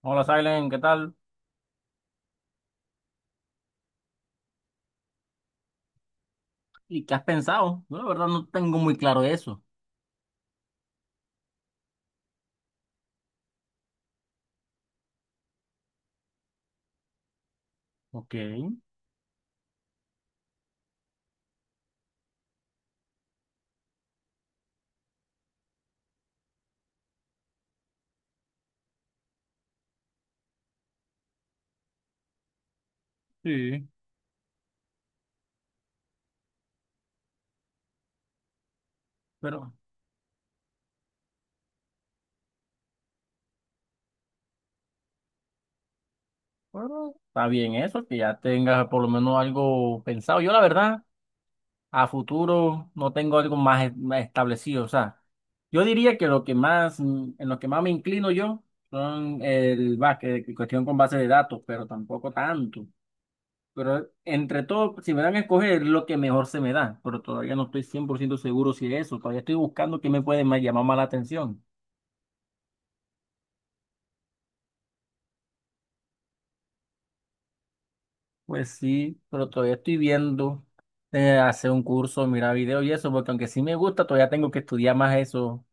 Hola, Silen, ¿qué tal? ¿Y qué has pensado? Yo la verdad no tengo muy claro eso. Ok, sí, pero, pero está bien eso, que ya tengas por lo menos algo pensado. Yo la verdad, a futuro no tengo algo más, más establecido. O sea, yo diría que lo que más, en lo que más me inclino yo son el básquet, cuestión con base de datos, pero tampoco tanto. Pero entre todo, si me dan a escoger, lo que mejor se me da. Pero todavía no estoy 100% seguro si es eso. Todavía estoy buscando qué me puede más llamar más la atención. Pues sí, pero todavía estoy viendo hacer un curso, mirar videos y eso, porque aunque sí me gusta, todavía tengo que estudiar más eso.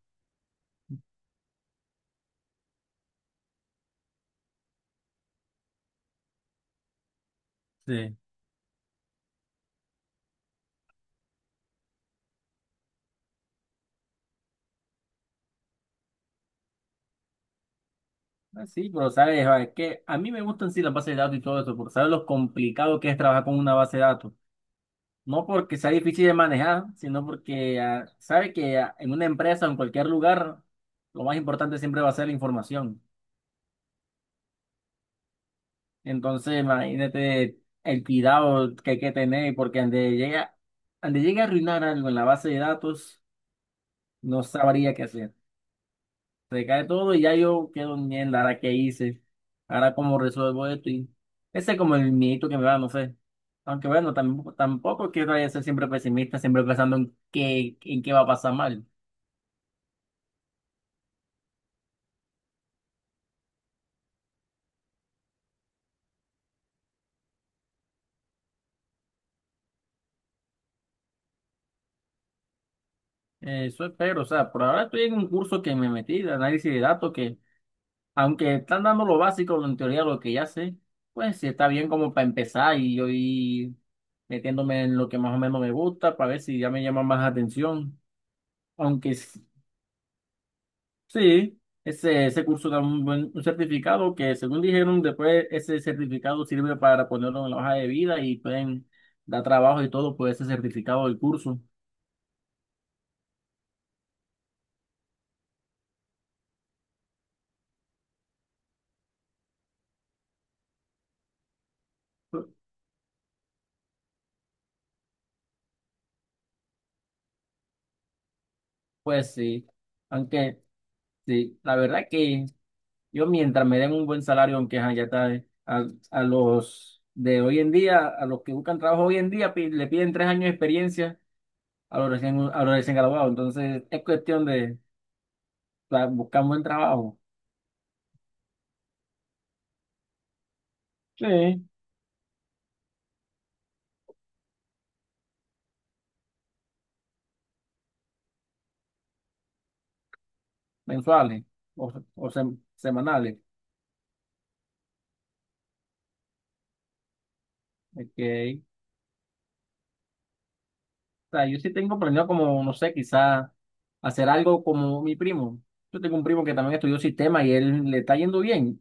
Sí. Ah, sí, pero sabes, ah, es que a mí me gustan sí las bases de datos y todo eso, porque sabes lo complicado que es trabajar con una base de datos. No porque sea difícil de manejar, sino porque sabe que en una empresa o en cualquier lugar, lo más importante siempre va a ser la información. Entonces, imagínate el cuidado que hay que tener, porque ande llega, ande llegue a arruinar algo en la base de datos, no sabría qué hacer. Se cae todo y ya yo quedo en mierda, ahora qué hice, ahora cómo resuelvo esto. Y ese es como el miedito que me da, no sé. Aunque bueno, tampoco quiero ser siempre pesimista, siempre pensando en en qué va a pasar mal. Eso espero, o sea, por ahora estoy en un curso que me metí de análisis de datos que, aunque están dando lo básico, en teoría lo que ya sé, pues sí está bien como para empezar y yo ir metiéndome en lo que más o menos me gusta para ver si ya me llama más atención. Aunque s- sí, ese curso da un buen un certificado que según dijeron, después ese certificado sirve para ponerlo en la hoja de vida y pueden dar trabajo y todo por ese certificado del curso. Pues sí, aunque... Sí, la verdad que yo mientras me den un buen salario, aunque ajá, ya está, a los de hoy en día, a los que buscan trabajo hoy en día, le piden 3 años de experiencia a los a los recién graduados. Entonces, es cuestión de buscar un buen trabajo. Sí, mensuales o semanales. Ok. O sea, yo sí tengo planeado como, no sé, quizás hacer algo como mi primo. Yo tengo un primo que también estudió sistema y él le está yendo bien.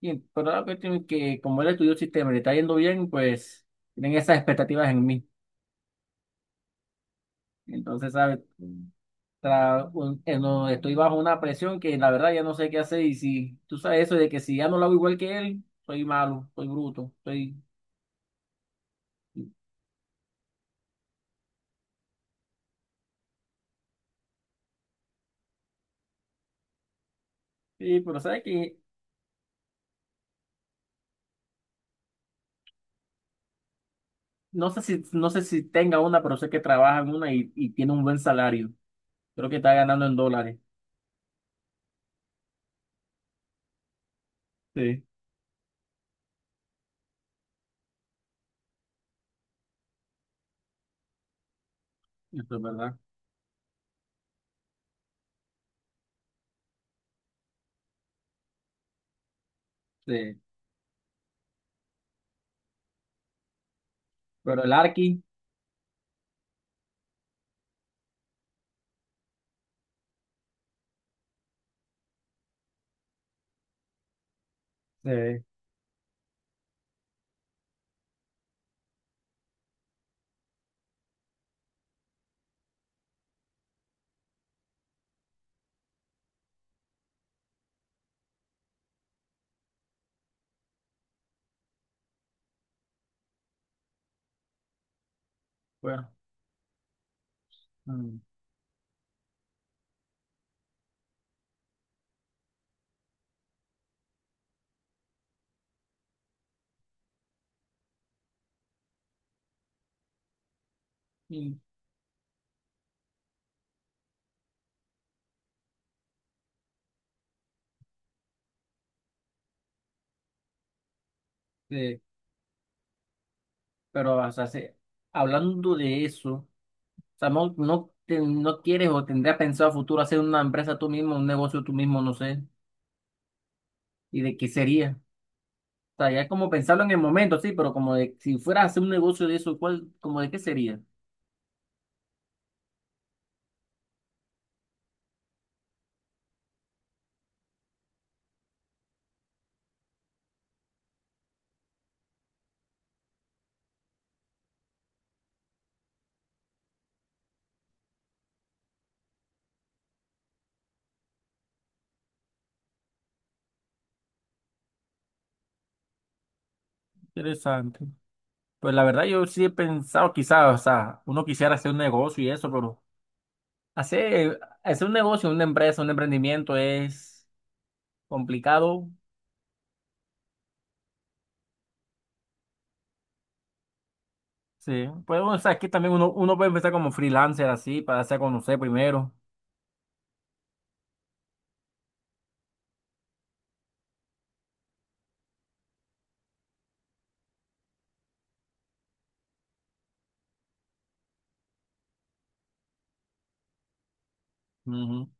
Y, pero la cuestión es que como él estudió sistema y le está yendo bien, pues tienen esas expectativas en mí. Entonces, ¿sabes? No, estoy bajo una presión que la verdad ya no sé qué hacer. Y si tú sabes eso de que si ya no lo hago igual que él, soy malo, soy bruto, soy... Sí, pero sabes que no sé si tenga una, pero sé que trabaja en una y tiene un buen salario. Creo que está ganando en dólares. Sí, eso es verdad. Sí. Pero el Arqui, sí. Bueno, mm, sí. Sí. Pero, o sea, hablando de eso, o sea, no quieres o tendrías pensado a futuro hacer una empresa tú mismo, un negocio tú mismo, no sé, y de qué sería. O sea, ya es como pensarlo en el momento, sí, pero como de si fueras a hacer un negocio de eso, ¿cuál, como de qué sería? Interesante. Pues la verdad yo sí he pensado quizás, o sea, uno quisiera hacer un negocio y eso, pero hacer un negocio, una empresa, un emprendimiento es complicado. Sí. Pues bueno, o sea, aquí también uno puede empezar como freelancer así, para hacer conocer primero. Ujú,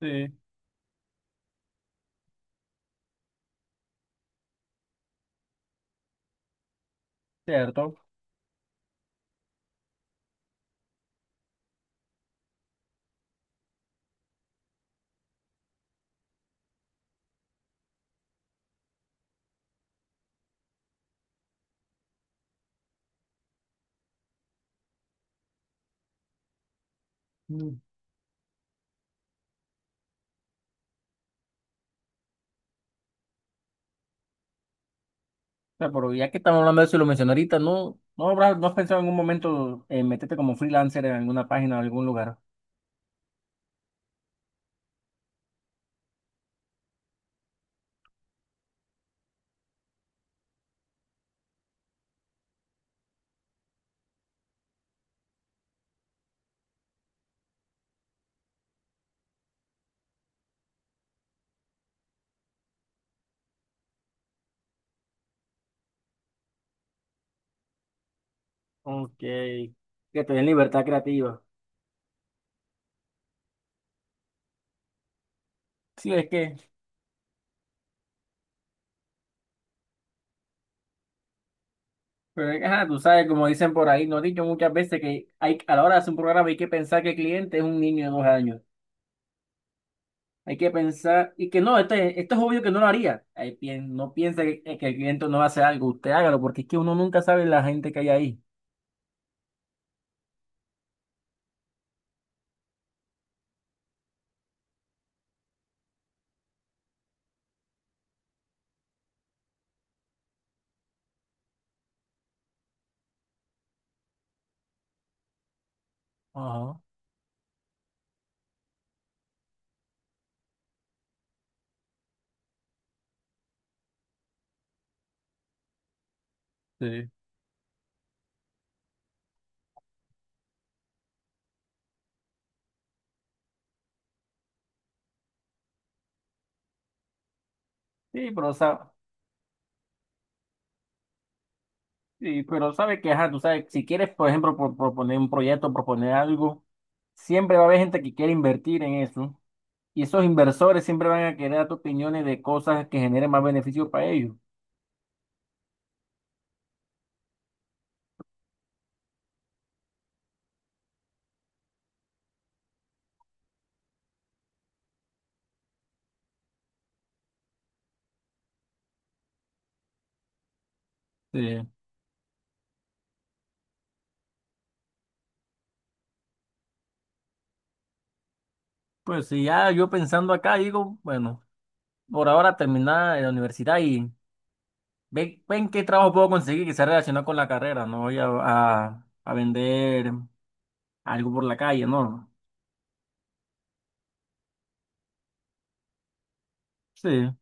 sí, cierto. Mm, o sea, pero ya que estamos hablando de eso y lo mencioné ahorita, ¿no has pensado en algún momento en meterte como freelancer en alguna página o algún lugar? Ok, que te den libertad creativa. Sí, es que, pero es que, ajá, tú sabes, como dicen por ahí, nos han dicho muchas veces que hay, a la hora de hacer un programa hay que pensar que el cliente es un niño de 2 años. Hay que pensar, y que no, este, esto es obvio que no lo haría. No piense que el cliente no va a hacer algo, usted hágalo, porque es que uno nunca sabe la gente que hay ahí. Ajá, sí. Sí, pero, o sea, sí, pero sabe que, ajá, tú sabes, si quieres, por ejemplo, proponer un proyecto, proponer algo, siempre va a haber gente que quiere invertir en eso. Y esos inversores siempre van a querer dar tu opiniones de cosas que generen más beneficio para ellos. Sí. Pues sí, ya yo pensando acá, digo, bueno, por ahora terminar la universidad y ven, ven qué trabajo puedo conseguir que sea relacionado con la carrera. No voy a vender algo por la calle, no. Sí.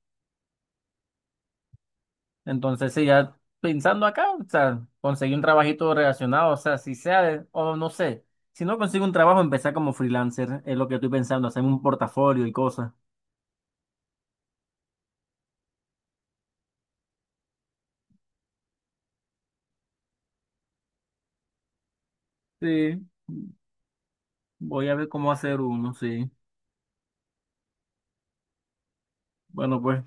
Entonces, sí, ya pensando acá, o sea, conseguí un trabajito relacionado, o sea, o no sé, si no consigo un trabajo, empezar como freelancer, es lo que estoy pensando, hacerme un portafolio y cosas. Sí, voy a ver cómo hacer uno, sí. Bueno, pues.